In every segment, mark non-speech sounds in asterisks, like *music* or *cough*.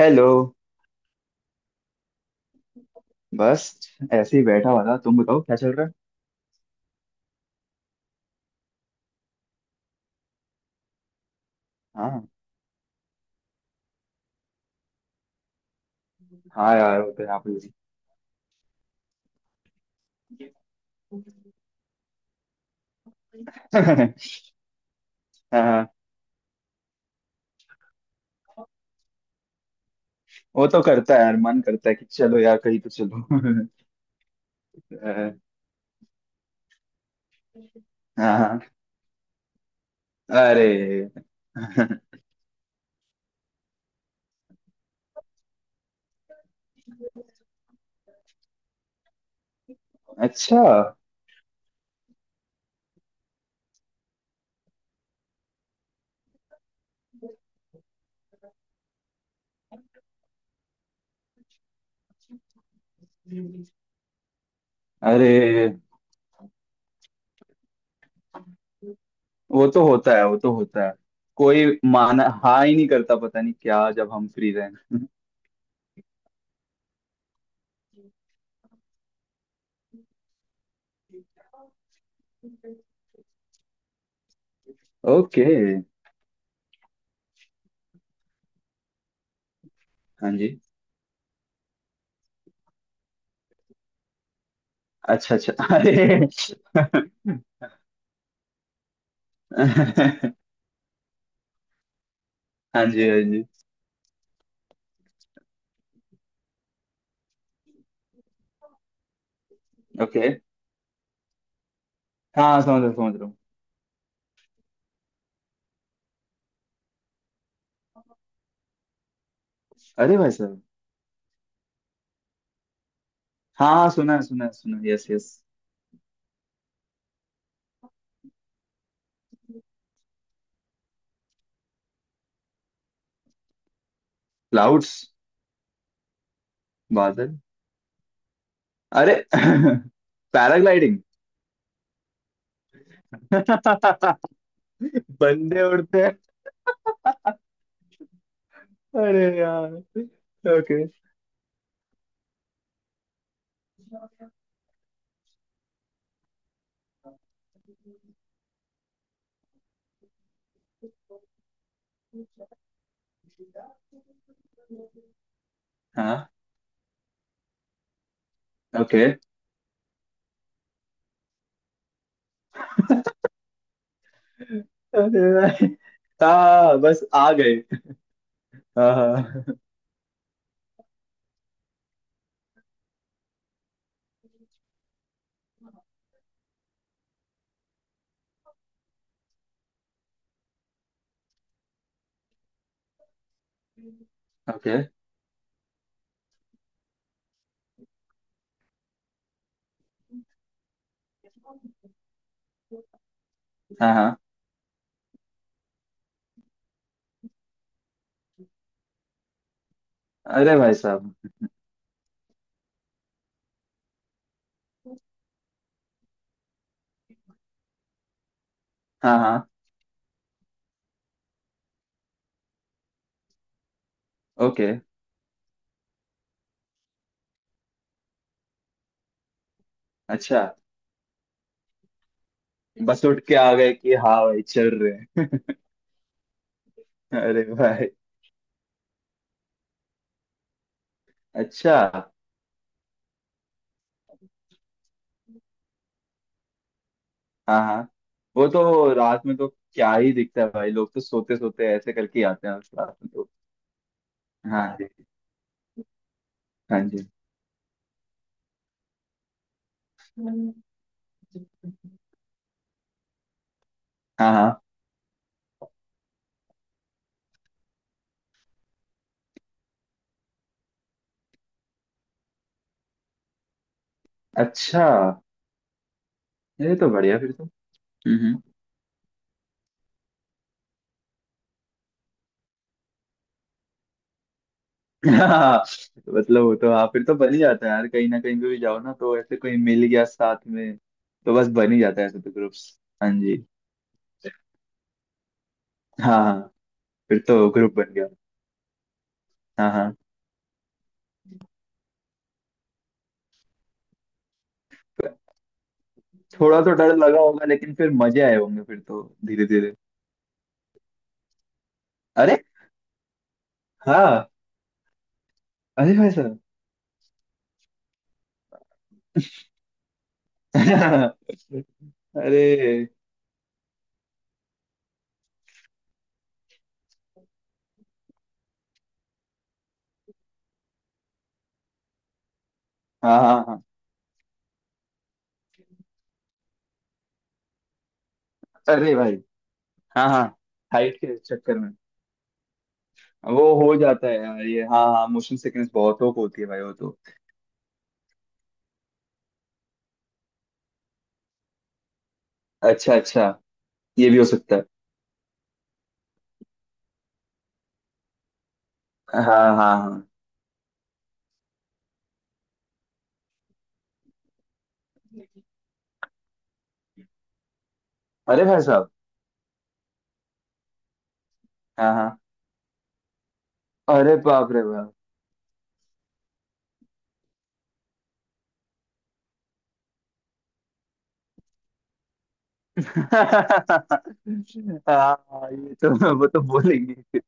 Hello. बस ऐसे ही बैठा हुआ था, तुम बताओ क्या चल रहा है। हाँ हाँ यार, वो तो यहाँ पे भी *laughs* हाँ। वो तो करता है यार, मन करता है कि चलो यार कहीं तो चलो। *laughs* अ, हाँ हाँ, अरे *laughs* अच्छा। अरे वो तो होता है, वो तो होता है। कोई माना हाँ ही नहीं करता, पता नहीं क्या जब हम फ्री रहें। *laughs* ओके। हाँ जी। अच्छा अच्छा। *laughs* अरे *laughs* हाँ जी, हाँ जी। ओके, हाँ समझ रहा हूँ, समझ रहा। अरे भाई साहब। हाँ सुना है, सुना है, सुना है, यस यस। क्लाउड्स। बादल। अरे *laughs* पैराग्लाइडिंग। *laughs* बंदे उड़ते हैं। अरे यार। ओके। हाँ। ओके। अरे भाई, हाँ बस आ गए। हाँ हाँ। ओके। हाँ हाँ। अरे भाई साहब। हाँ हाँ। ओके। अच्छा। बस उठ के आ गए कि हाँ भाई चल रहे हैं। *laughs* अरे भाई। अच्छा। हाँ हाँ। वो तो रात में तो क्या ही दिखता है भाई, लोग तो सोते सोते ऐसे करके ही आते हैं उस रात में तो। हाँ जी, हाँ जी। हाँ हाँ। अच्छा। ये तो बढ़िया फिर तो। हम्म। हाँ, *laughs* मतलब वो तो हाँ, फिर तो बन ही जाता है यार। कहीं ना कहीं पे भी जाओ ना तो ऐसे कोई मिल गया साथ में। तो बस बन ही जाता है ऐसे तो ग्रुप्स, हाँ जी। हाँ हाँ, फिर तो ग्रुप बन गया। हाँ हाँ। थोड़ा तो डर लगा होगा, लेकिन फिर मजे आए होंगे फिर तो धीरे धीरे। अरे हाँ। अरे भाई साहब। *laughs* अरे। हाँ हाँ हाँ। अरे भाई। हाँ हाँ। हाइट के चक्कर में। वो हो जाता है यार ये, हाँ हाँ, मोशन सिकनेस बहुत लोग को होती है भाई, वो तो। अच्छा अच्छा, ये भी हो सकता है। हाँ हाँ हाँ। अरे भाई साहब। हाँ हाँ। अरे बाप रे बाप। *laughs* हाँ ये तो *laughs* वो तो बोलेंगे।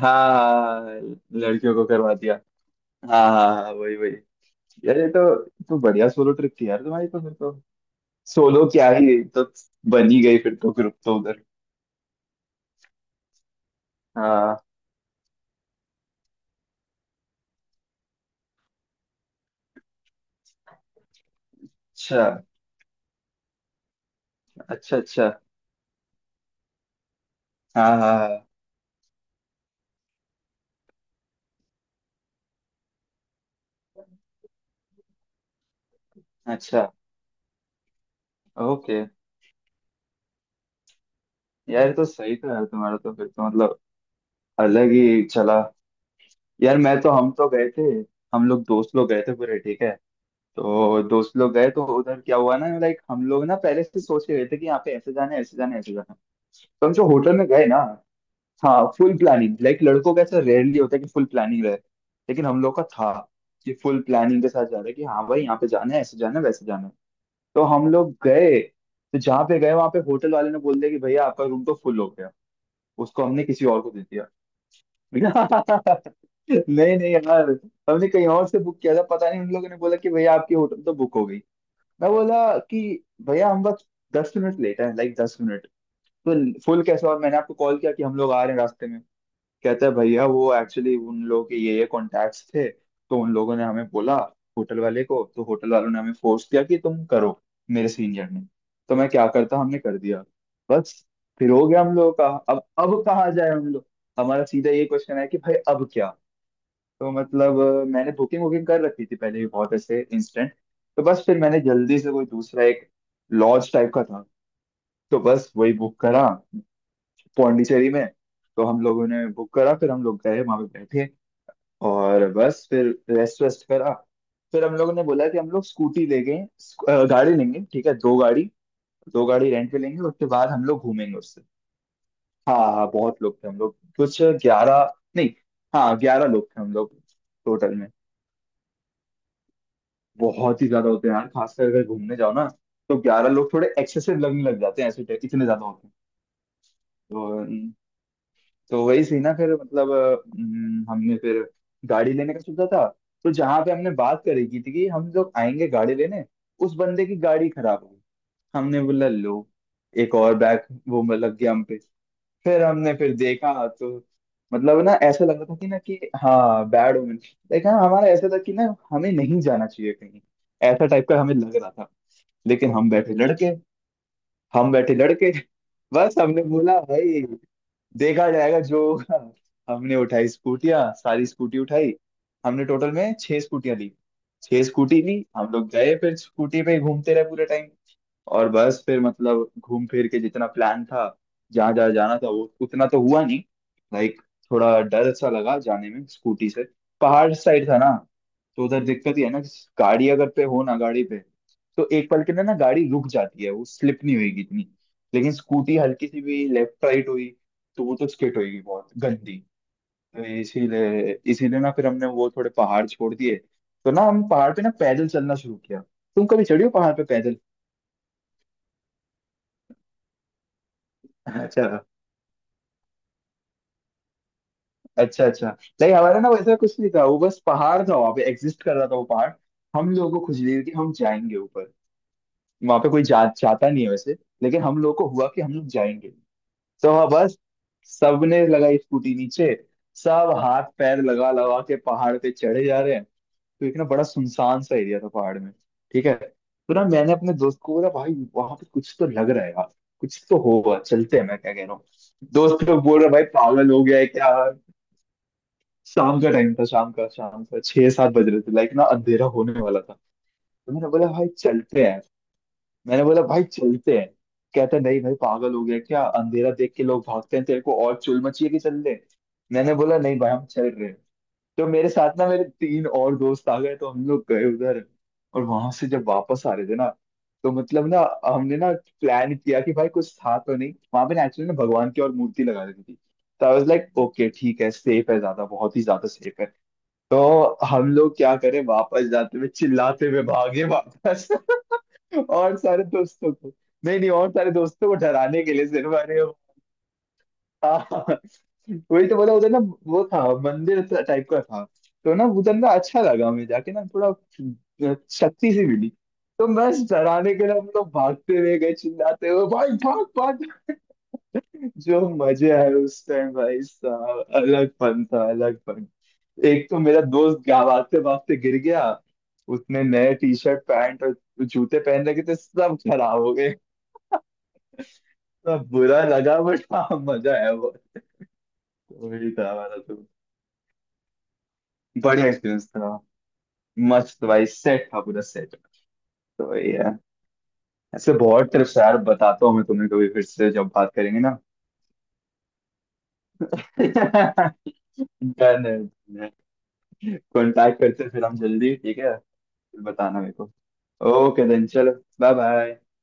हाँ हाँ, लड़कियों को करवा दिया। हाँ हाँ हाँ, वही वही। यार ये तो बढ़िया सोलो ट्रिप थी यार तुम्हारी तो फिर तो। सोलो क्या ही तो, बन ही गई फिर तो ग्रुप तो उधर। हाँ। अच्छा अच्छा। अच्छा। हाँ हाँ हाँ, अच्छा। ओके। यार ये तो सही था यार तुम्हारा तो, फिर तो मतलब अलग ही चला। यार मैं तो, हम तो गए थे। हम लोग दोस्त लोग गए थे पूरे, ठीक है। तो दोस्त लोग गए तो उधर क्या हुआ ना, लाइक हम लोग ना पहले से सोच के गए थे कि यहाँ पे ऐसे जाना है, ऐसे जाना है, ऐसे जाना है। तो हम जो होटल में गए ना। हाँ फुल प्लानिंग, लाइक लड़कों का ऐसा रेयरली होता है कि फुल प्लानिंग रहे, लेकिन हम लोग का था कि फुल प्लानिंग के साथ जा रहे हैं कि हाँ भाई यहाँ पे जाना है, ऐसे जाना है, वैसे जाना है। तो हम लोग गए, तो जहाँ पे गए वहां पे होटल वाले ने बोल दिया कि भैया आपका रूम तो फुल हो गया, उसको हमने किसी और को दे दिया। *laughs* नहीं नहीं यार, हमने कहीं और से बुक किया था। पता नहीं उन लोगों ने बोला कि भैया आपकी होटल तो बुक हो गई। मैं बोला कि भैया हम बस 10 मिनट लेट है, लाइक 10 मिनट, तो फुल कैसे? और मैंने आपको कॉल किया कि हम लोग आ रहे हैं रास्ते में। कहता है भैया वो एक्चुअली उन लोगों के ये कॉन्टैक्ट्स थे, तो उन लोगों ने हमें बोला, होटल वाले को, तो होटल वालों ने हमें फोर्स किया कि तुम करो, मेरे सीनियर ने। तो मैं क्या करता, हमने कर दिया बस। फिर हो गया हम लोगों का, अब कहाँ जाए हम लोग। हमारा सीधा ये क्वेश्चन है कि भाई अब क्या। तो मतलब मैंने बुकिंग वुकिंग कर रखी थी पहले भी बहुत ऐसे इंस्टेंट। तो बस फिर मैंने जल्दी से कोई दूसरा एक लॉज टाइप का था, तो बस वही बुक करा पौंडीचेरी में। तो हम लोगों ने बुक करा, फिर हम लोग गए वहां पे बैठे, और बस फिर रेस्ट वेस्ट करा। फिर हम लोगों ने बोला कि हम लोग स्कूटी ले गए, गाड़ी लेंगे ठीक है, दो गाड़ी, दो गाड़ी रेंट पे लेंगे उसके बाद हम लोग घूमेंगे उससे। हाँ हाँ बहुत लोग थे, हम लोग कुछ 11, नहीं हाँ 11 लोग थे हम लोग टोटल में। बहुत ही ज्यादा होते हैं यार, खासकर अगर घूमने जाओ ना, तो 11 लोग थोड़े एक्सेसिव लगने लग जाते हैं ऐसे, इतने ज्यादा होते हैं। तो, तो वही सीन है। फिर मतलब हमने फिर गाड़ी लेने का सोचा था। तो जहां पे हमने बात करी की थी कि हम लोग आएंगे गाड़ी लेने, उस बंदे की गाड़ी खराब हो गई। हमने बोला लो, एक और बैग वो मतलब लग गया हम पे। फिर हमने फिर देखा तो, मतलब ना ऐसा लग रहा था कि ना कि हाँ बैड वुमेन, लेकिन हाँ, हमारा ऐसा था कि ना हमें नहीं जाना चाहिए कहीं, ऐसा टाइप का हमें लग रहा था। लेकिन हम बैठे लड़के, हम बैठे लड़के, बस हमने बोला भाई देखा जाएगा जो होगा। हमने उठाई स्कूटियां, सारी स्कूटी उठाई, हमने टोटल में छह स्कूटियां ली, छह स्कूटी ली। हम लोग गए, फिर स्कूटी पे ही घूमते रहे पूरे टाइम। और बस फिर मतलब घूम फिर के जितना प्लान था, जहाँ जहाँ जाना था, वो उतना तो हुआ नहीं। लाइक थोड़ा डर सा लगा जाने में स्कूटी से, पहाड़ साइड था ना, तो उधर दिक्कत ही है ना कि, गाड़ी अगर पे हो ना गाड़ी पे, तो एक पल के लिए ना गाड़ी रुक जाती है, वो स्लिप नहीं होगी इतनी। लेकिन स्कूटी हल्की सी भी लेफ्ट राइट हुई तो वो तो स्किट होगी बहुत गंदी। तो इसीलिए इसीलिए ना फिर हमने वो थोड़े पहाड़ छोड़ दिए। तो ना हम पहाड़ पे ना पैदल चलना शुरू किया। तुम कभी चढ़ी हो पहाड़ पे पैदल? अच्छा अच्छा अच्छा। नहीं हमारा ना वैसा कुछ नहीं था, वो बस पहाड़ था, वहाँ पे एग्जिस्ट कर रहा था वो पहाड़। हम लोगों को खुश हुई कि हम जाएंगे ऊपर। वहाँ पे कोई जाता नहीं है वैसे, लेकिन हम लोगों को हुआ कि हम लोग जाएंगे। तो वहाँ बस सबने लगाई स्कूटी नीचे, सब हाथ पैर लगा लगा के पहाड़ पे चढ़े जा रहे हैं। तो एक ना बड़ा सुनसान सा एरिया था पहाड़ में, ठीक है। तो ना मैंने अपने दोस्त को बोला भाई वहां पे कुछ तो लग रहा है यार, कुछ तो होगा चलते हैं, मैं क्या कह रहा हूँ। दोस्त लोग बोल रहे भाई पागल हो गया है क्या। शाम का टाइम था, शाम का, शाम का 6-7 बज रहे थे, लाइक ना अंधेरा होने वाला था। तो मैंने बोला भाई चलते हैं, मैंने बोला भाई चलते हैं। कहता नहीं भाई पागल हो गया क्या, अंधेरा देख के लोग भागते हैं तेरे को और चुल मची है कि चल ले। मैंने बोला नहीं भाई हम चल रहे हैं। तो मेरे साथ ना मेरे तीन और दोस्त आ गए, तो हम लोग गए उधर। और वहां से जब वापस आ रहे थे ना, तो मतलब ना हमने ना प्लान किया कि भाई कुछ था तो नहीं वहां पे। नेचुरली ना भगवान की और मूर्ति लगा रखी थी, तो आई वाज लाइक ओके ठीक है, सेफ है, ज्यादा बहुत ही ज्यादा सेफ है। तो हम लोग क्या करें, वापस जाते हुए चिल्लाते हुए भागे वापस। *laughs* और सारे दोस्तों को, नहीं नहीं, और सारे दोस्तों को डराने के लिए सिर्फ, अरे हाँ हाँ। वही तो बोला उधर ना, वो था मंदिर टाइप का था। तो ना उधर ना अच्छा लगा, मैं जाके ना थोड़ा शक्ति सी मिली। तो मैं डराने के लिए हम लोग भागते हुए गए चिल्लाते हुए भाई भाग भाग। जो मजे आए उस टाइम, भाई साहब अलग फन था, अलग फन। एक तो मेरा दोस्त भागते भागते गिर गया। उसने नए टी शर्ट पैंट और जूते पहन रखे थे, सब खराब हो, सब बुरा लगा, बट हाँ मजा आया बहुत। तो वही था हमारा तो, बढ़िया एक्सपीरियंस था, मस्त भाई, सेट था पूरा सेट। तो वही है। ऐसे बहुत ट्रिप्स यार बताता हूँ मैं तुम्हें, कभी फिर से जब बात करेंगे ना। *laughs* डन है। कांटेक्ट करते हैं फिर हम जल्दी, ठीक है? फिर बताना मेरे को। ओके देन, चलो। Bye bye.